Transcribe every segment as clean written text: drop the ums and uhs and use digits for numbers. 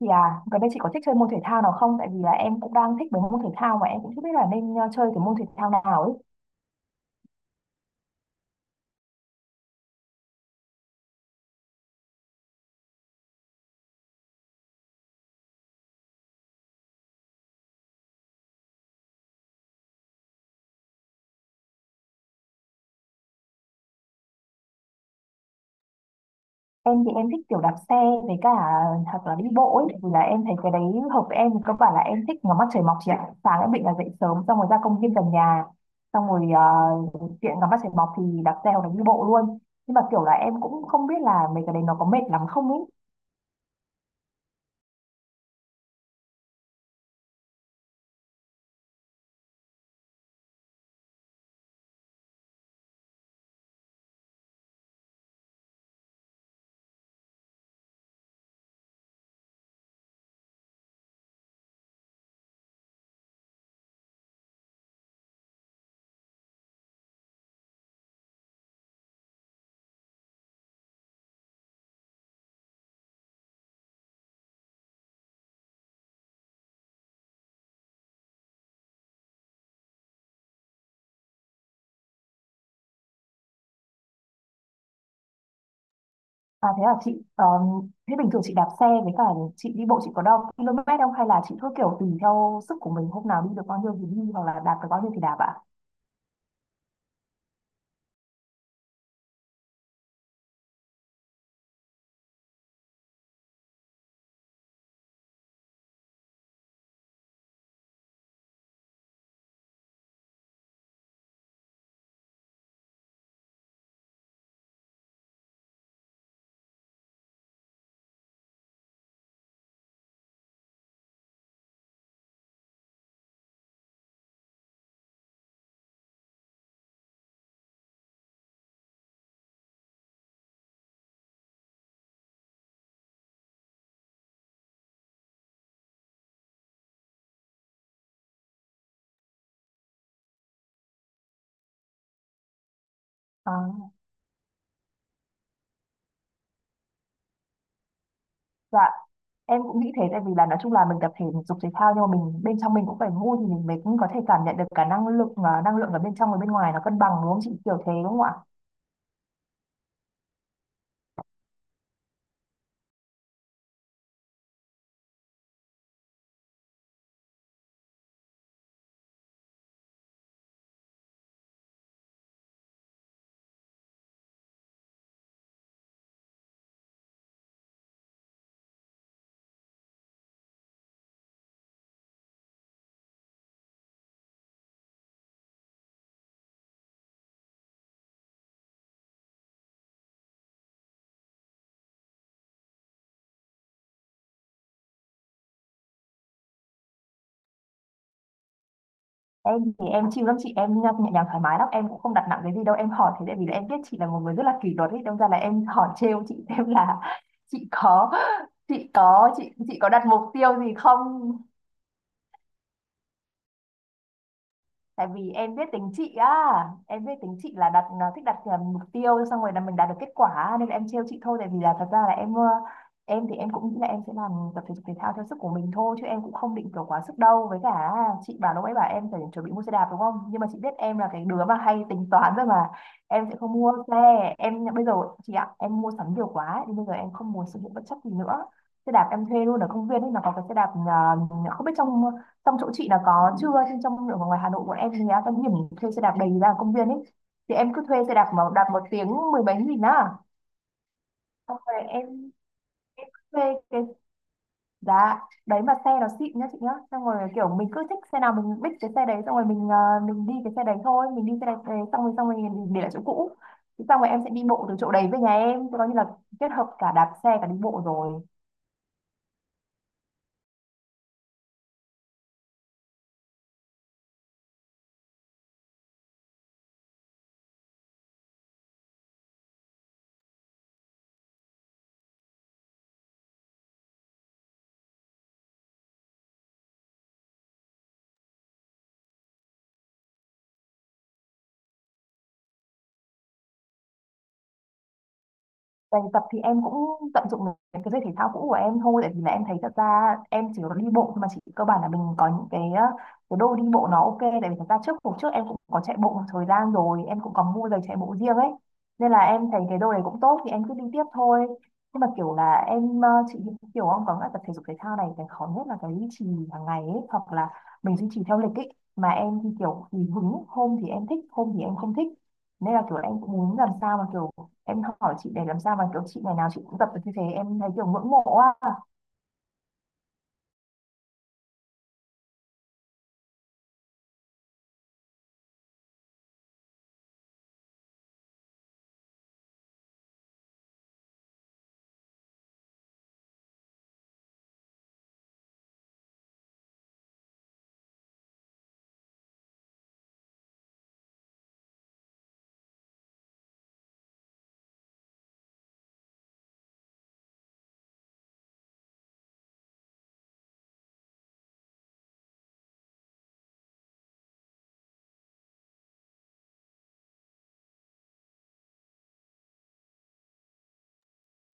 Gần đây chị có thích chơi môn thể thao nào không? Tại vì là em cũng đang thích mấy môn thể thao mà em cũng chưa biết là nên chơi cái môn thể thao nào ấy. Em thì em thích kiểu đạp xe với cả hoặc là đi bộ ấy. Tại vì là em thấy cái đấy hợp với em. Cơ bản là em thích ngắm mặt trời mọc chị ạ. Sáng em định là dậy sớm xong rồi ra công viên gần nhà. Xong rồi tiện ngắm mặt trời mọc thì đạp xe hoặc là đi bộ luôn. Nhưng mà kiểu là em cũng không biết là mấy cái đấy nó có mệt lắm không ấy. À, thế là chị, thế bình thường chị đạp xe với cả chị đi bộ, chị có đo km không, hay là chị cứ kiểu tùy theo sức của mình, hôm nào đi được bao nhiêu thì đi hoặc là đạp được bao nhiêu thì đạp ạ? À, dạ, em cũng nghĩ thế. Tại vì là nói chung là mình tập thể dục thể thao nhưng mà mình bên trong mình cũng phải vui thì mình mới cũng có thể cảm nhận được cả năng lượng, và năng lượng ở bên trong và bên ngoài nó cân bằng, đúng không chị, kiểu thế đúng không ạ? Em thì em chịu lắm chị, em nhẹ nhàng thoải mái lắm, em cũng không đặt nặng cái gì đâu. Em hỏi thế tại vì là em biết chị là một người rất là kỷ luật ấy, đâm ra là em hỏi trêu chị xem là chị có chị có đặt mục tiêu gì không. Tại vì em biết tính chị á, em biết tính chị là đặt, nó thích đặt mục tiêu xong rồi là mình đạt được kết quả, nên là em trêu chị thôi. Tại vì là thật ra là em, em thì em cũng nghĩ là em sẽ làm tập thể dục thể thao theo sức của mình thôi chứ em cũng không định kiểu quá sức đâu. Với cả chị bảo lúc ấy bảo em phải chuẩn bị mua xe đạp đúng không, nhưng mà chị biết em là cái đứa mà hay tính toán rồi mà, em sẽ không mua xe. Em bây giờ, chị ạ, em mua sắm nhiều quá ấy, nên bây giờ em không muốn sử dụng bất chấp gì nữa. Xe đạp em thuê luôn ở công viên ấy, nó có cái xe đạp không biết trong, trong chỗ chị là có chưa, chứ trong ở ngoài Hà Nội bọn em thì á, cái điểm thuê xe đạp đầy ra công viên ấy. Thì em cứ thuê xe đạp mà đạp, một tiếng mười mấy nghìn á. Xong rồi em cứ thuê cái giá đấy, mà xe nó xịn nhá chị nhá, xong rồi kiểu mình cứ thích xe nào mình biết cái xe đấy, xong rồi mình mình đi cái xe đấy thôi, mình đi xe đấy đấy, xong rồi mình để lại chỗ cũ. Thế xong rồi em sẽ đi bộ từ chỗ đấy về nhà em. Thế coi như là kết hợp cả đạp xe cả đi bộ rồi. Bài tập thì em cũng tận dụng những cái giày thể thao cũ của em thôi, tại vì là em thấy thật ra em chỉ có đi bộ thôi mà, chỉ cơ bản là mình có những cái cái đôi đi bộ nó ok. Tại vì thật ra trước, hồi trước em cũng có chạy bộ một thời gian rồi, em cũng có mua giày chạy bộ riêng ấy, nên là em thấy cái đôi này cũng tốt thì em cứ đi tiếp thôi. Nhưng mà kiểu là em, chị, kiểu ông có nghĩa là tập thể dục thể thao này cái khó nhất là cái duy trì hàng ngày ấy, hoặc là mình duy trì theo lịch ấy, mà em thì kiểu thì hứng, hôm thì em thích hôm thì em không thích, nên là kiểu là em cũng muốn làm sao mà kiểu, em hỏi chị để làm sao mà kiểu chị ngày nào chị cũng tập được như thế, em thấy kiểu ngưỡng mộ á.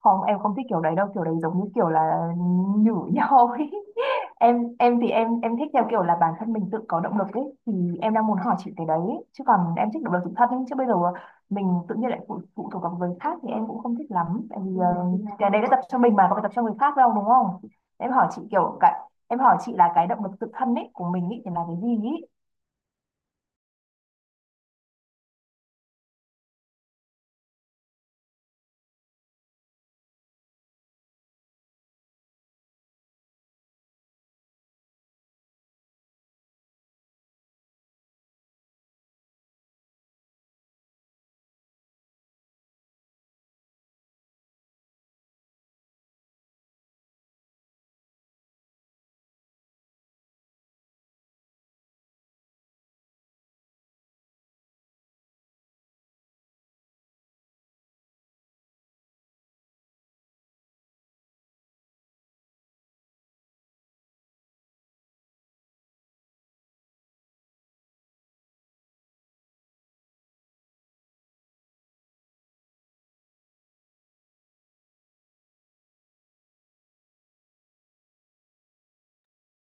Không, em không thích kiểu đấy đâu, kiểu đấy giống như kiểu là nhử nhau ấy. Em thì em thích theo kiểu là bản thân mình tự có động lực ấy, thì em đang muốn hỏi chị cái đấy. Chứ còn em thích động lực tự thân ấy, chứ bây giờ mình tự nhiên lại phụ thuộc vào người khác thì em cũng không thích lắm. Tại vì cái đấy đã tập cho mình mà, có phải tập cho người khác đâu đúng không. Em hỏi chị kiểu cái Em hỏi chị là cái động lực tự thân ấy của mình ý thì là cái gì ý.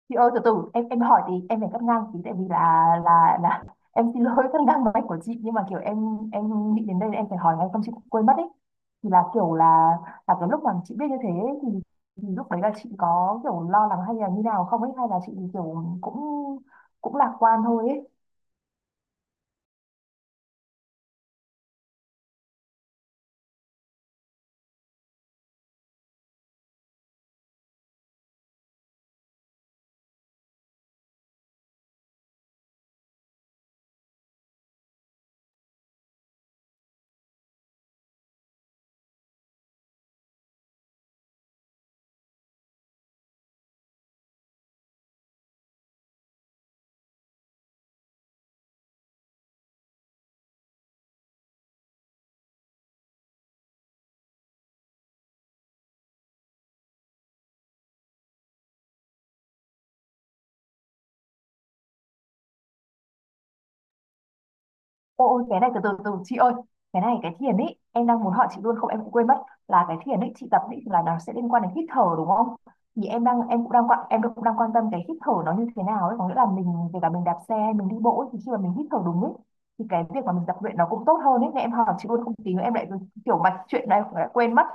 Chị ơi từ từ, em hỏi thì em phải cắt ngang tí, tại vì là em xin lỗi cắt ngang máy của chị, nhưng mà kiểu em nghĩ đến đây em phải hỏi ngay không chị quên mất ấy. Thì là kiểu là cái lúc mà chị biết như thế ấy, thì lúc đấy là chị có kiểu lo lắng hay là như nào không ấy, hay là chị kiểu cũng cũng lạc quan thôi ấy. Ôi cái này từ từ từ chị ơi, cái này cái thiền ấy em đang muốn hỏi chị luôn không em cũng quên mất. Là cái thiền ấy chị tập ấy, là nó sẽ liên quan đến hít thở đúng không? Thì em đang em cũng đang quan em cũng đang quan tâm cái hít thở nó như thế nào ấy, có nghĩa là mình kể cả mình đạp xe hay mình đi bộ ấy, thì khi mà mình hít thở đúng ấy thì cái việc mà mình tập luyện nó cũng tốt hơn ấy, nên em hỏi chị luôn không tí nữa em lại kiểu mạch chuyện này em lại quên mất.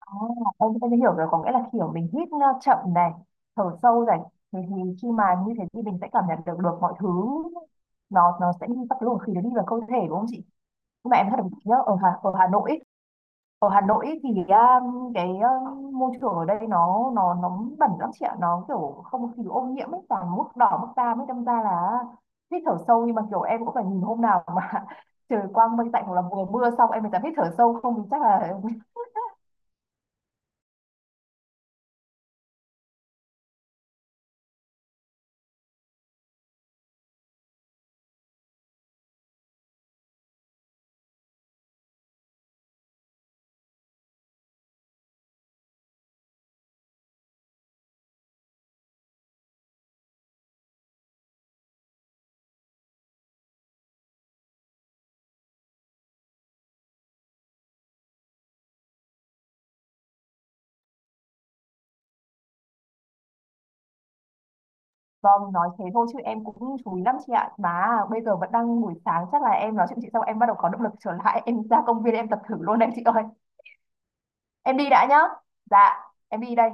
À, em hiểu rồi, có nghĩa là kiểu mình hít chậm này, thở sâu này, thì khi mà như thế thì mình sẽ cảm nhận được được mọi thứ, nó sẽ đi, các cái luồng khí nó đi vào cơ thể đúng không chị? Nhưng mà em thật nhớ ở ở Hà Nội ấy, ở Hà Nội ấy thì cái môi trường ở đây nó bẩn lắm chị ạ, nó kiểu không khí ô nhiễm ấy, toàn mức đỏ mức cam ấy, đâm ra là hít thở sâu nhưng mà kiểu em cũng phải nhìn hôm nào mà trời quang mây tạnh hoặc là mùa mưa xong em mới dám hít thở sâu, không thì chắc là. Vâng, nói thế thôi chứ em cũng chú ý lắm chị ạ. Mà bây giờ vẫn đang buổi sáng, chắc là em nói chuyện chị xong em bắt đầu có động lực trở lại. Em ra công viên em tập thử luôn đấy chị ơi. Em đi đã nhá. Dạ, em đi đây.